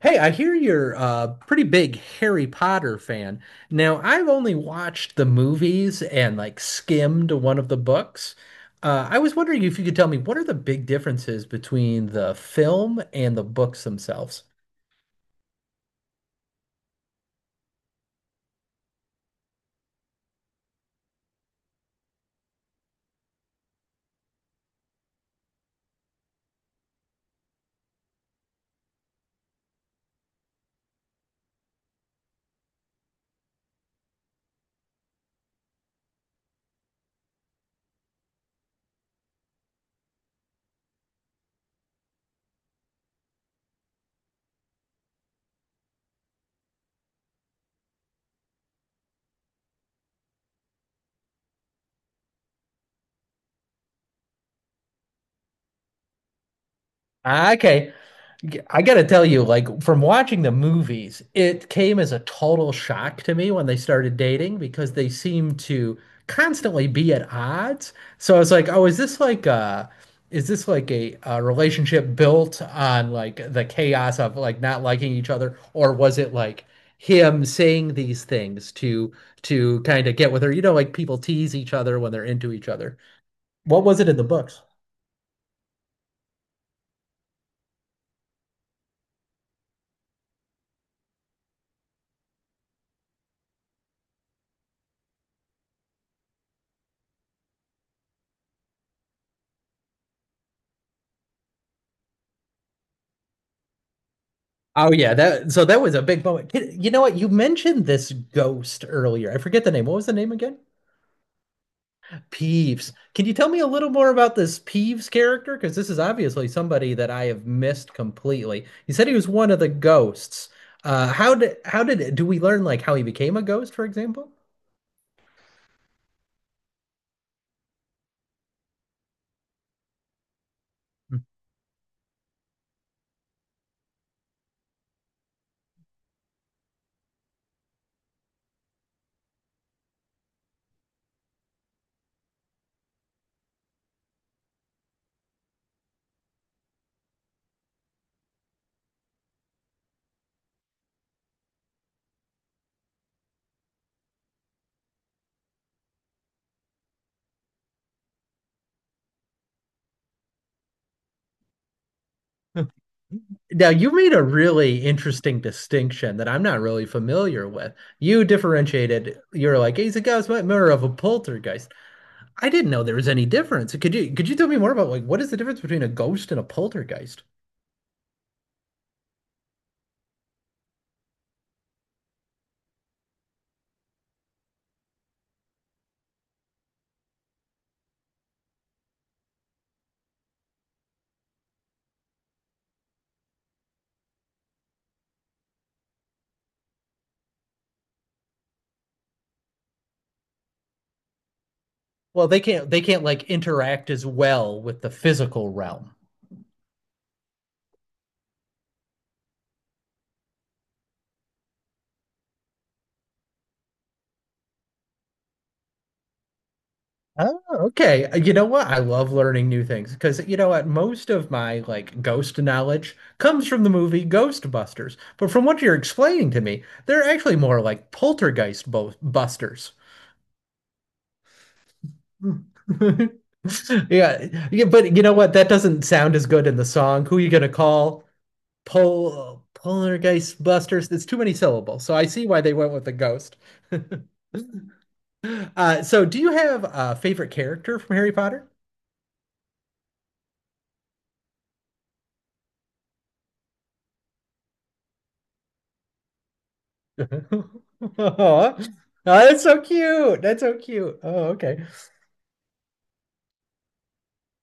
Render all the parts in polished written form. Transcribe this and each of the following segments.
Hey, I hear you're a pretty big Harry Potter fan. Now, I've only watched the movies and like skimmed one of the books. I was wondering if you could tell me what are the big differences between the film and the books themselves? Ah, okay, I gotta tell you, like from watching the movies, it came as a total shock to me when they started dating because they seemed to constantly be at odds. So I was like, oh, is this like a relationship built on like the chaos of like not liking each other, or was it like him saying these things to kind of get with her? You know, like people tease each other when they're into each other. What was it in the books? Oh yeah, that so that was a big moment. You know what? You mentioned this ghost earlier. I forget the name. What was the name again? Peeves. Can you tell me a little more about this Peeves character? Because this is obviously somebody that I have missed completely. You said he was one of the ghosts. How did do we learn like how he became a ghost, for example? Now, you made a really interesting distinction that I'm not really familiar with. You differentiated, you're like, he's a ghost, but more of a poltergeist. I didn't know there was any difference. Could you tell me more about like what is the difference between a ghost and a poltergeist? Well, they can't like interact as well with the physical realm. Oh, okay, you know what? I love learning new things because you know what? Most of my like ghost knowledge comes from the movie Ghostbusters. But from what you're explaining to me, they're actually more like poltergeist bo busters. Yeah, yeah, but you know what? That doesn't sound as good in the song. Who are you gonna call? Poltergeist busters. It's too many syllables. So I see why they went with the ghost. So, do you have a favorite character from Harry Potter? Aw. Oh, that's so cute. That's so cute. Oh, okay.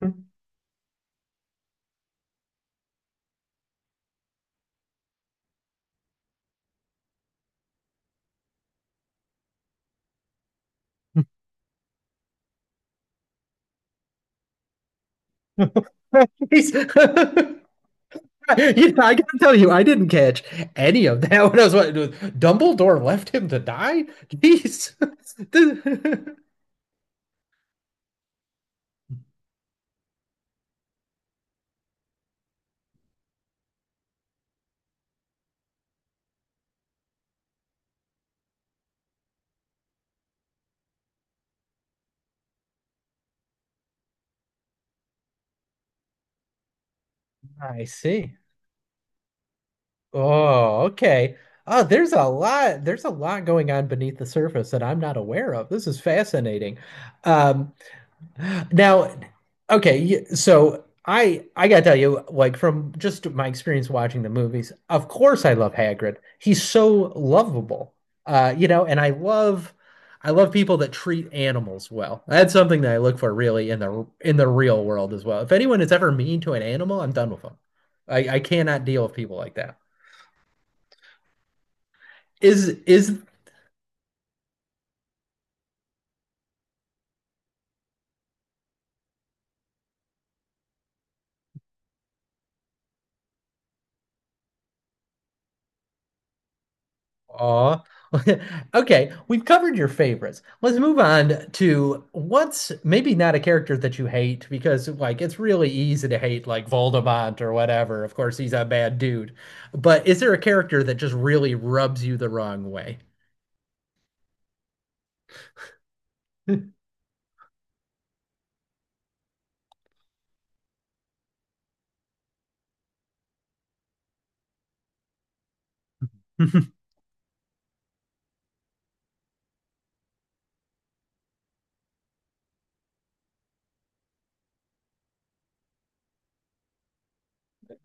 He's- You know, I gotta tell you, I didn't catch any of that when I was watching. Dumbledore left him to die? Jeez. The- I see. Oh, okay. Oh, there's a lot going on beneath the surface that I'm not aware of. This is fascinating. Um, now, okay, so I gotta tell you, like from just my experience watching the movies, of course I love Hagrid. He's so lovable. You know, and I love people that treat animals well. That's something that I look for really in the real world as well. If anyone is ever mean to an animal, I'm done with them. I cannot deal with people like that. Is aw. Okay, we've covered your favorites. Let's move on to what's maybe not a character that you hate because like it's really easy to hate like Voldemort or whatever. Of course, he's a bad dude. But is there a character that just really rubs you the wrong way?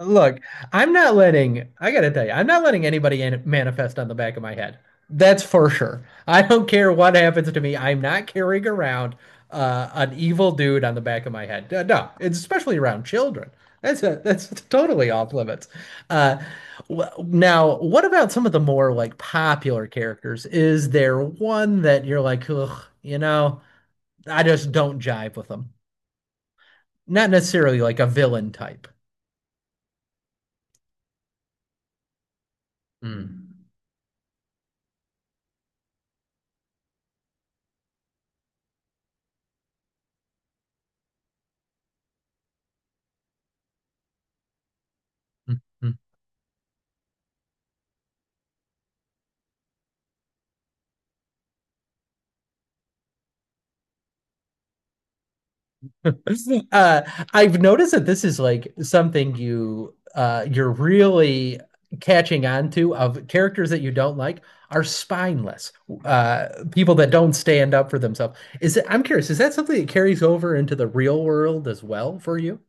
Look, I'm not letting, I gotta tell you, I'm not letting anybody in manifest on the back of my head. That's for sure. I don't care what happens to me. I'm not carrying around an evil dude on the back of my head. No, it's especially around children. That's totally off limits. Uh, now, what about some of the more like popular characters? Is there one that you're like, ugh, you know, I just don't jive with them? Not necessarily like a villain type. Mm. Uh, I've noticed that this is like something you're really catching on to of characters that you don't like are spineless people that don't stand up for themselves. I'm curious, is that something that carries over into the real world as well for you?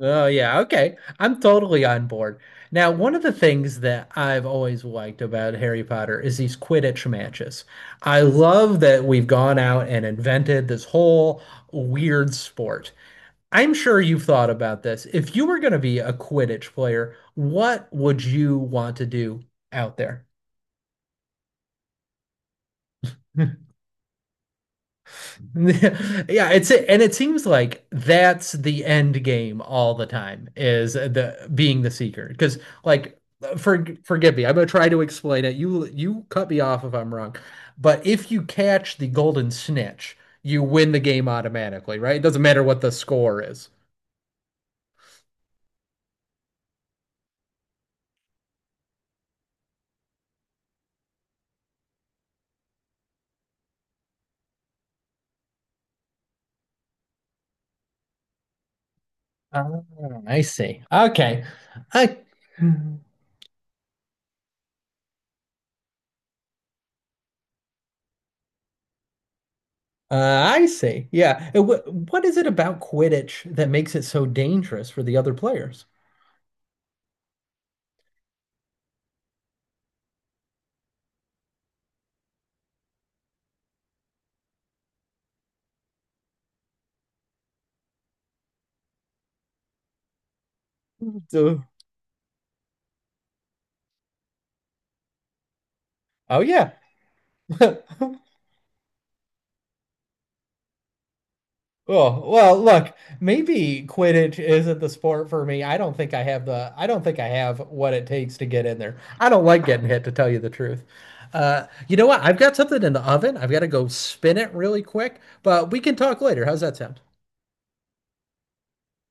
Oh, yeah. Okay. I'm totally on board. Now, one of the things that I've always liked about Harry Potter is these Quidditch matches. I love that we've gone out and invented this whole weird sport. I'm sure you've thought about this. If you were going to be a Quidditch player, what would you want to do out there? Yeah, and it seems like that's the end game all the time is the being the seeker. Because like forgive me, I'm gonna try to explain it. You cut me off if I'm wrong. But if you catch the golden snitch, you win the game automatically, right? It doesn't matter what the score is. Oh, I see. Okay. I I see. Yeah. And what is it about Quidditch that makes it so dangerous for the other players? So, oh yeah. Oh, well, look, maybe Quidditch isn't the sport for me. I don't think I have what it takes to get in there. I don't like getting hit, to tell you the truth. You know what? I've got something in the oven. I've got to go spin it really quick, but we can talk later. How's that sound?